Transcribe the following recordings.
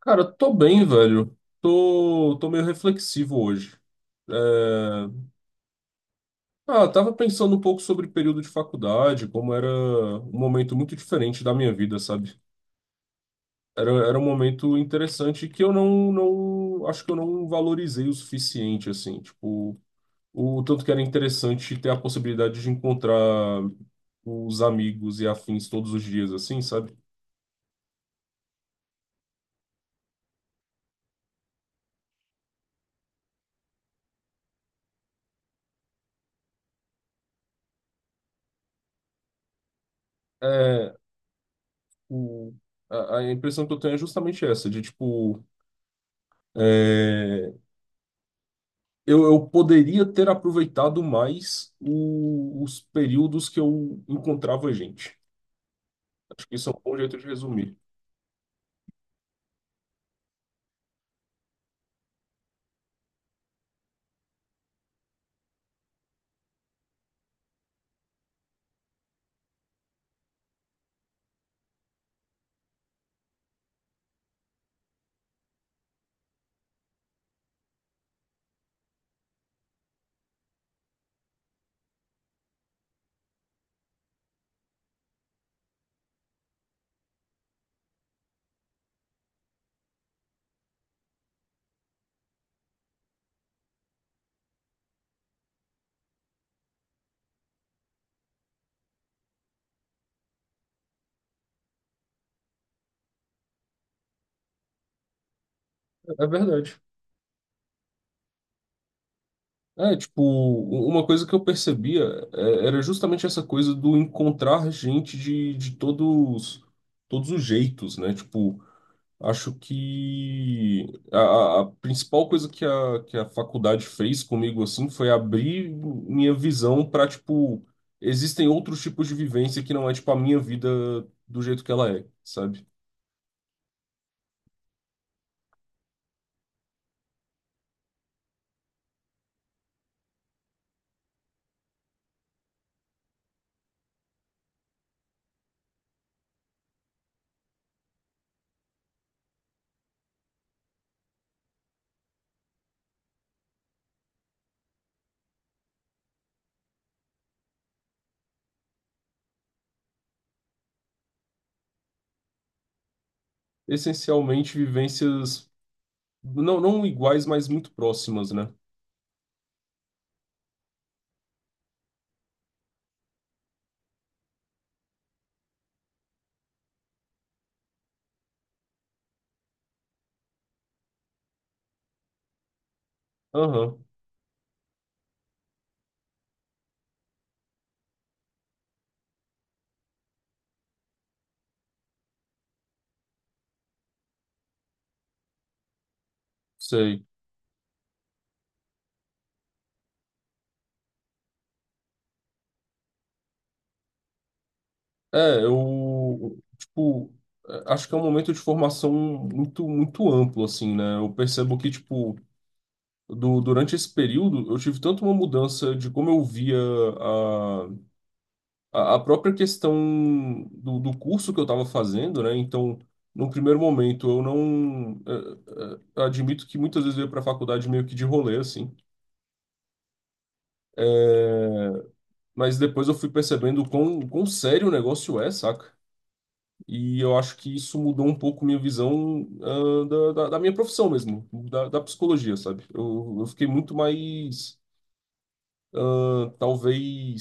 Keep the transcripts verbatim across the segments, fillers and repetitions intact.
Cara, tô bem, velho. Tô, tô meio reflexivo hoje. É, Ah, tava pensando um pouco sobre período de faculdade, como era um momento muito diferente da minha vida, sabe? Era, era um momento interessante que eu não, não, acho que eu não valorizei o suficiente, assim, tipo, o tanto que era interessante ter a possibilidade de encontrar os amigos e afins todos os dias, assim, sabe? É, o, a, a impressão que eu tenho é justamente essa, de, tipo, é, Eu, eu poderia ter aproveitado mais o- os períodos que eu encontrava gente. Acho que isso é um bom jeito de resumir. É é verdade. É, tipo, u- uma coisa que eu percebia é, era justamente essa coisa do encontrar gente de, de todos, todos os jeitos, né? Tipo, acho que a, a- a principal coisa que a, que a faculdade fez comigo assim foi abrir minha visão para tipo existem outros tipos de vivência que não é tipo a minha vida do jeito que ela é, sabe? Essencialmente vivências não não iguais, mas muito próximas, né? Aham, sei. É, eu tipo eh, acho que é um momento de formação muito muito amplo assim, né? Eu percebo que tipo do- durante esse período, eu tive tanto uma mudança de como eu via a, a a própria questão do, do curso que eu estava fazendo, né? Então, num primeiro momento, eu não. eh, eh, admito que muitas vezes eu ia para a faculdade meio que de rolê, assim. Eh, mas depois eu fui percebendo o quão, quão sério o negócio é, saca? E eu acho que isso mudou um pouco minha visão, ah, da, da, da minha profissão mesmo, da, da psicologia, sabe? Eu, eu fiquei muito mais ah, talvez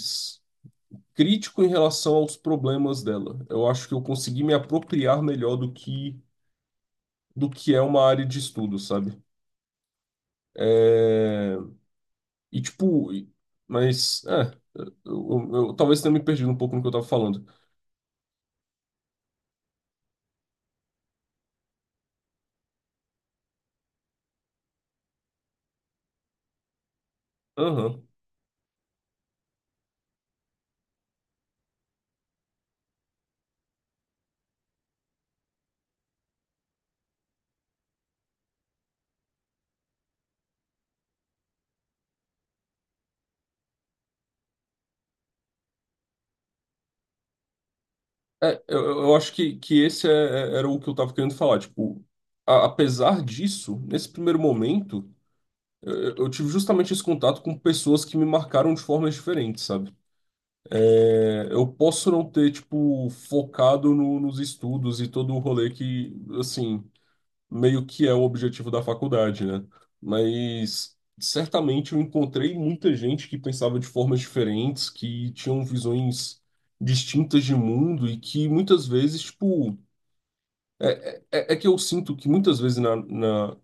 crítico em relação aos problemas dela. Eu acho que eu consegui me apropriar melhor do que do que é uma área de estudo, sabe? É, E tipo, e- mas é, eu, eu- eu talvez tenha me perdido um pouco no que eu tava falando. Aham. É, eu, eu eu acho que, que esse é- é- era o que eu tava querendo falar. Tipo, a- apesar disso, nesse primeiro momento, eu, eu tive justamente esse contato com pessoas que me marcaram de formas diferentes, sabe? Eu posso não ter, tipo, focado no- nos estudos e todo o rolê que, assim, meio que é o objetivo da faculdade, né? Mas certamente eu encontrei muita gente que pensava de formas diferentes, que tinham visões distintas de mundo e que muitas vezes, tipo, é, é que eu sinto que muitas vezes na, na,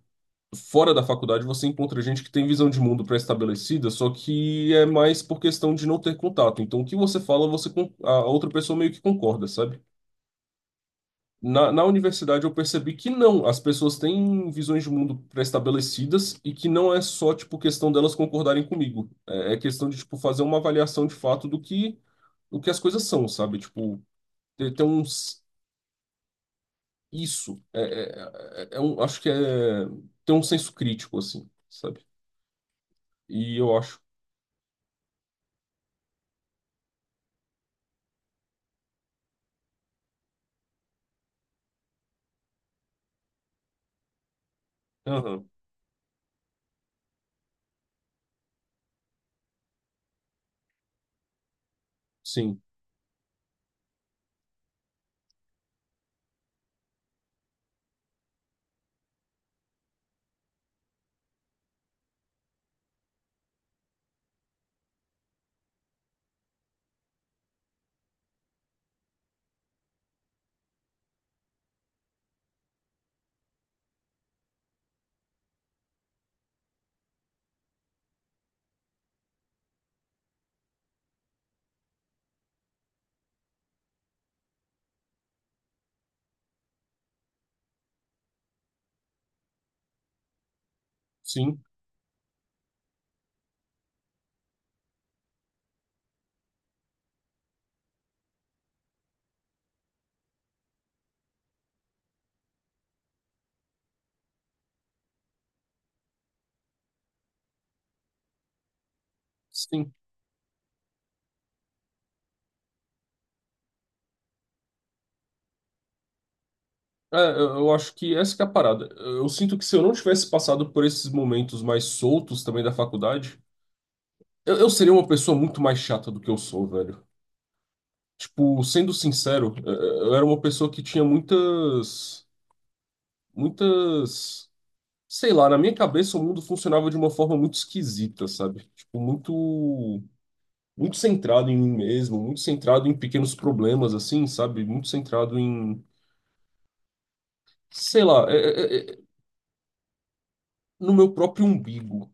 fora da faculdade você encontra gente que tem visão de mundo pré-estabelecida, só que é mais por questão de não ter contato. Então, o que você fala, você con- a outra pessoa meio que concorda, sabe? Na, na universidade eu percebi que não, as pessoas têm visões de mundo pré-estabelecidas e que não é só, tipo, questão delas concordarem comigo. É, é questão de, tipo, fazer uma avaliação de fato do que, do que as coisas são, sabe? Tipo, ter, ter uns... Isso. É, é, é é um, acho que é... Ter um senso crítico, assim, sabe? E eu acho. Aham, sim, sim, sim. É, eu, eu acho que essa que é a parada. Eu, eu sinto que se eu não tivesse passado por esses momentos mais soltos também da faculdade, eu, eu seria uma pessoa muito mais chata do que eu sou, velho. Tipo, sendo sincero, é, é, eu era uma pessoa que tinha muitas, muitas, sei lá, na minha cabeça o mundo funcionava de uma forma muito esquisita, sabe? Tipo, muito, muito centrado em mim mesmo, muito centrado em pequenos problemas, assim, sabe? Muito centrado em... Sei lá, é, é, é, no meu próprio umbigo.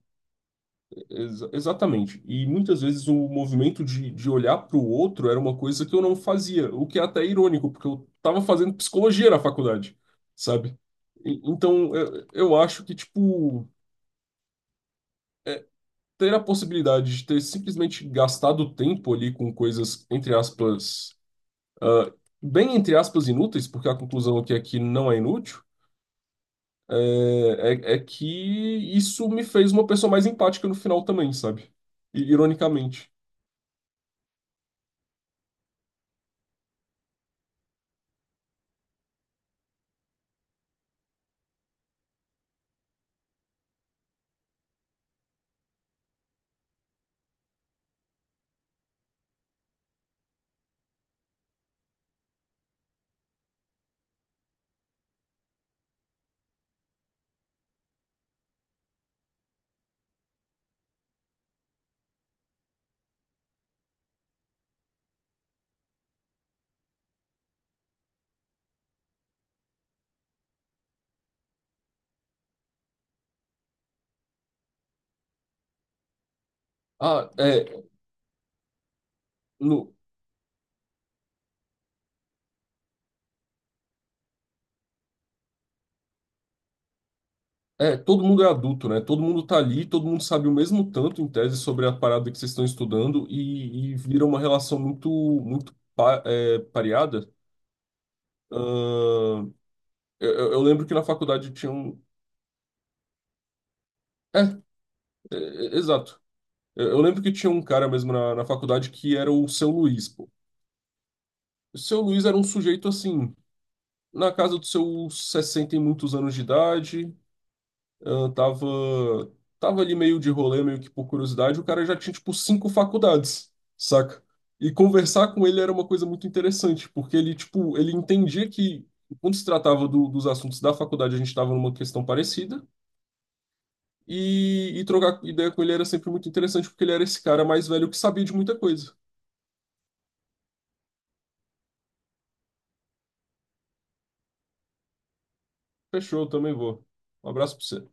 Ex- exatamente. E muitas vezes o movimento de, de olhar para o outro era uma coisa que eu não fazia, o que é até irônico, porque eu estava fazendo psicologia na faculdade, sabe? E- então eu, eu acho que, tipo, ter a possibilidade de ter simplesmente gastado tempo ali com coisas, entre aspas, ah, bem entre aspas inúteis, porque a conclusão aqui é que não é inútil. É, é, é que isso me fez uma pessoa mais empática no final também, sabe? I- Ironicamente. Ah, é, no, é, todo mundo é adulto, né? Todo mundo tá ali, todo mundo sabe o mesmo tanto em tese sobre a parada que vocês estão estudando e, e vira uma relação muito, muito pa- é, pareada. Ahn, eu, eu- eu lembro que na faculdade tinha um. É, é, É, exato. Eu, eu lembro que tinha um cara mesmo na, na faculdade que era o seu Luiz, pô. O seu Luiz era um sujeito assim, na casa dos seus sessenta e muitos anos de idade. Eu tava, Tava ali meio de rolê, meio que por curiosidade, o cara já tinha, tipo, cinco faculdades, saca? E conversar com ele era uma coisa muito interessante, porque ele, tipo, ele entendia que, quando se tratava do- dos assuntos da faculdade, a gente estava numa questão parecida, e, e trocar ideia com ele era sempre muito interessante, porque ele era esse cara mais velho que sabia de muita coisa. Fechou, eu também vou. Um abraço pra você.